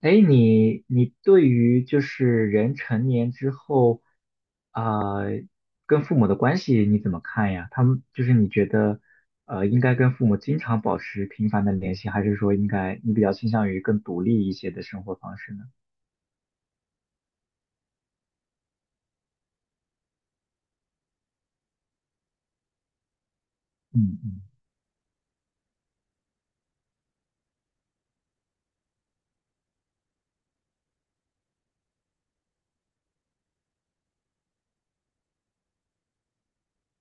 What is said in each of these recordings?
哎，你对于人成年之后，啊、跟父母的关系你怎么看呀？他们就是你觉得，应该跟父母经常保持频繁的联系，还是说应该你比较倾向于更独立一些的生活方式呢？嗯嗯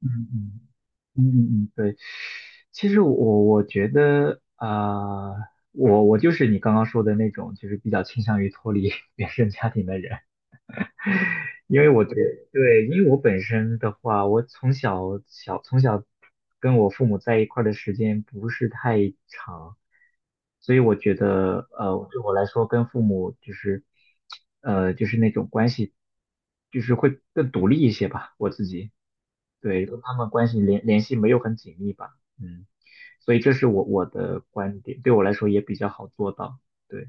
嗯嗯嗯嗯嗯，对。其实我觉得，我就是你刚刚说的那种，就是比较倾向于脱离 原生家庭的人。因为我对对，因为我本身的话，我从小跟我父母在一块儿的时间不是太长，所以我觉得对我来说跟父母就是就是那种关系，就是会更独立一些吧，我自己对跟他们关系联联系没有很紧密吧，嗯，所以这是我的观点，对我来说也比较好做到，对。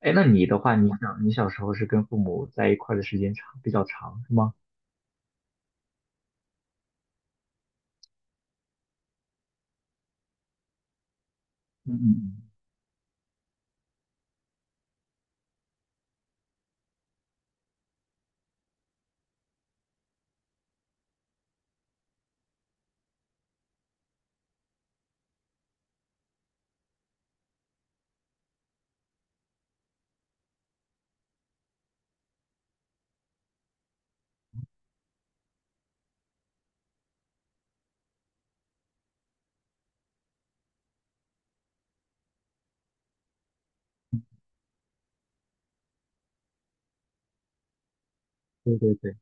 哎，那你的话，你想你小时候是跟父母在一块儿的时间长，比较长，是吗？嗯嗯嗯，对对对，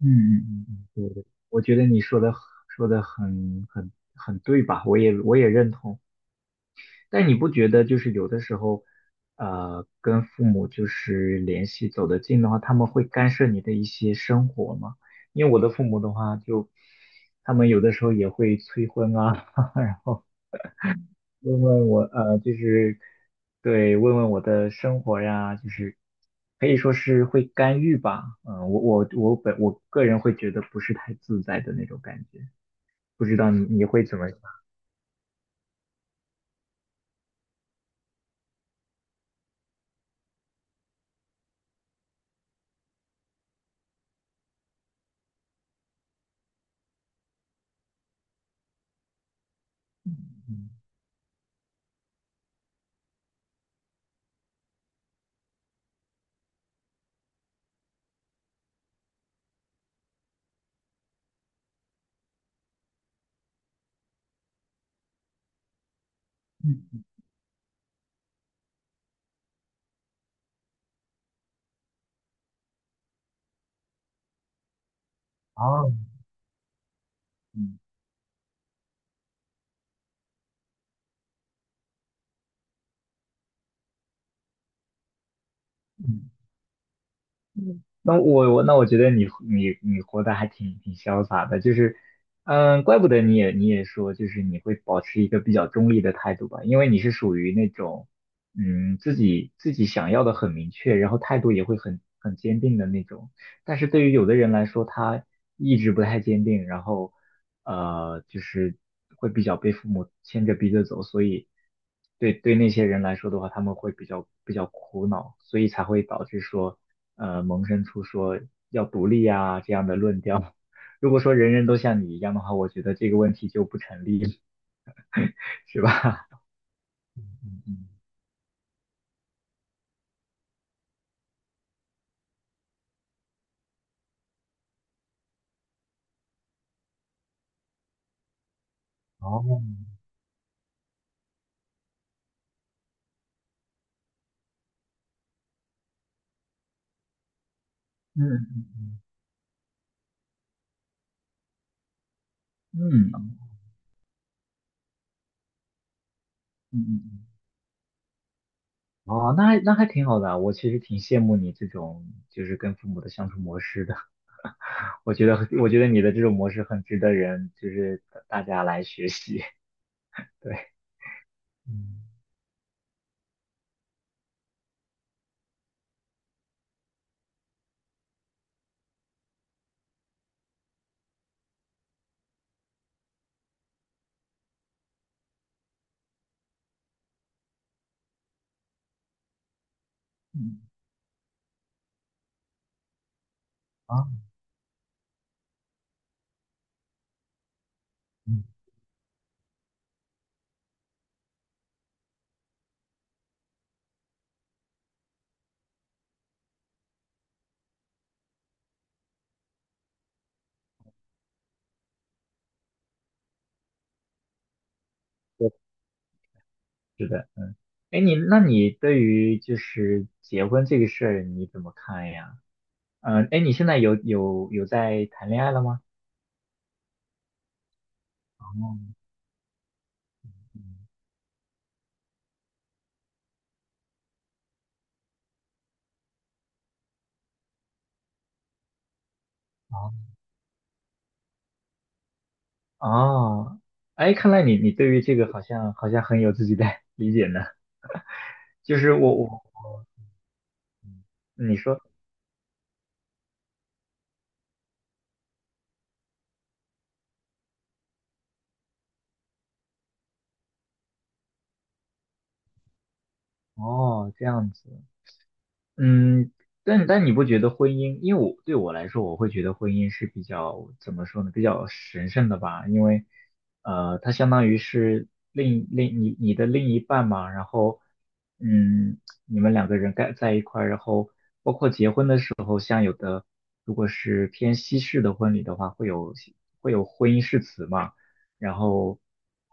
嗯嗯嗯嗯，对对，我觉得你说的很对吧？我也认同。但你不觉得就是有的时候，跟父母就是联系走得近的话，他们会干涉你的一些生活吗？因为我的父母的话就，他们有的时候也会催婚啊，然后问问我，就是对，问问我的生活呀，就是可以说是会干预吧。嗯，我个人会觉得不是太自在的那种感觉，不知道你会怎么想？嗯，哦嗯嗯那我觉得你活得还挺潇洒的，就是，嗯，怪不得你也说，就是你会保持一个比较中立的态度吧，因为你是属于那种，嗯，自己想要的很明确，然后态度也会很坚定的那种。但是对于有的人来说，他意志不太坚定，然后，就是会比较被父母牵着鼻子走，所以对那些人来说的话，他们会比较苦恼，所以才会导致说。萌生出说要独立啊这样的论调。如果说人人都像你一样的话，我觉得这个问题就不成立，是吧？哦，嗯嗯嗯嗯嗯，哦，那还挺好的啊我其实挺羡慕你这种就是跟父母的相处模式的。我觉得你的这种模式很值得人就是大家来学习。对，嗯嗯，啊，嗯，对是的。哎，那你对于就是结婚这个事儿你怎么看呀？嗯，呃哎，你现在有在谈恋爱了吗？哦哦，哎，看来你对于这个好像很有自己的 理解呢。就是我我你说哦这样子，嗯，但但你不觉得婚姻，因为我对我来说，我会觉得婚姻是比较怎么说呢，比较神圣的吧，因为它相当于是你的另一半嘛，然后嗯，你们两个人该在一块儿，然后。婚的时候。如果是偏西式的婚礼的话，会有婚姻誓词嘛，然后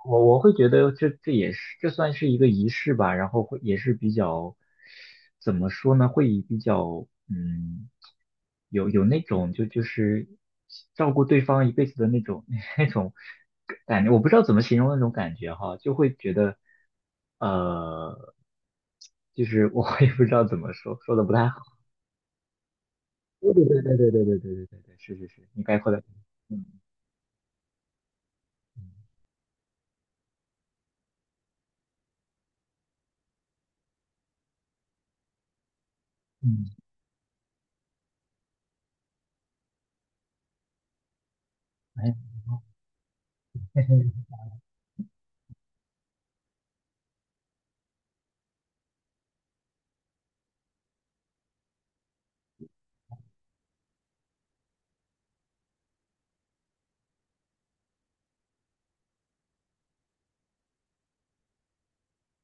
我会觉得这算是一个仪式吧，然后会也是比较怎么说呢，会比较嗯有有那种就是照顾对方一辈子的那种 那种感觉，我不知道怎么形容那种感觉哈，就会觉得呃就是我也不知道怎么说，说的不太好。对对对对对对对对对对对，是是是，你概括的，嗯嗯，哎，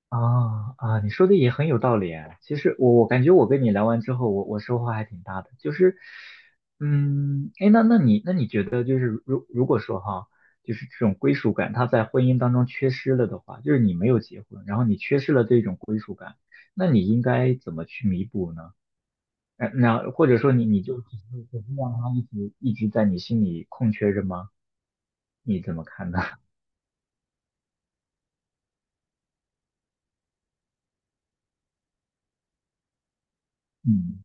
啊啊，你说的也很有道理哎。其实我感觉我跟你聊完之后，我收获还挺大的。就是，嗯，哎，那你觉得就是如果说哈，就是这种归属感，他在婚姻当中缺失了的话，就是你没有结婚，然后你缺失了这种归属感，那你应该怎么去弥补呢？呃那或者说你就只是让他一直在你心里空缺着吗？你怎么看呢？嗯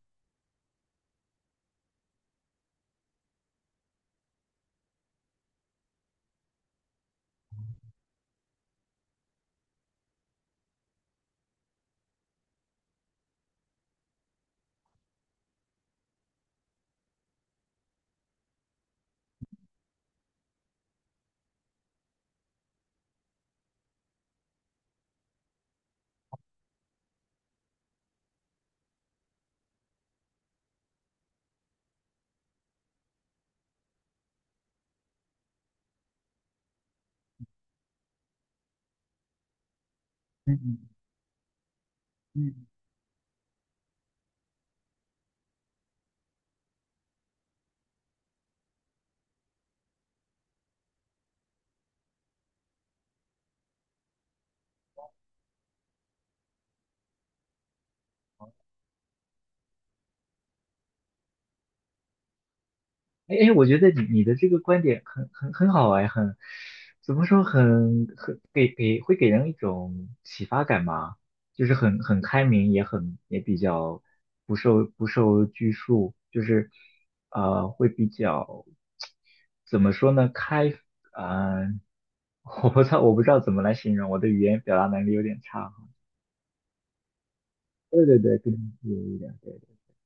嗯嗯，嗯，哎哎，我觉得你的这个观点很好哎，很怎么说很很给给会给人一种启发感吧，就是很开明，也很也比较不受拘束，就是呃会比较怎么说呢开啊，我不知道怎么来形容，我的语言表达能力有点差哈。对对对，跟你有一点。对。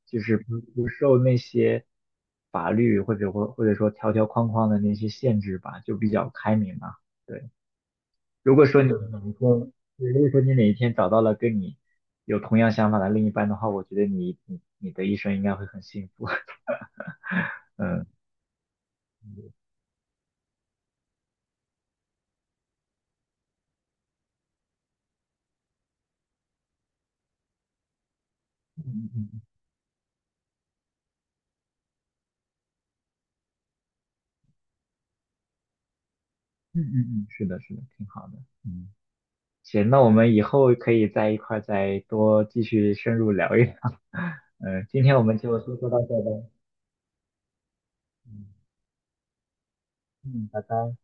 就是不受那些法律或者说条条框框的那些限制吧，就比较开明嘛。对，如果说你哪一天，对如果说你哪一天找到了跟你有同样想法的另一半的话，我觉得你的一生应该会很幸福。嗯嗯嗯嗯嗯，是的，是的，挺好的。嗯，行，那我们以后可以在一块儿再多继续深入聊一聊。嗯，今天我们就先说到这儿吧。嗯嗯，拜拜。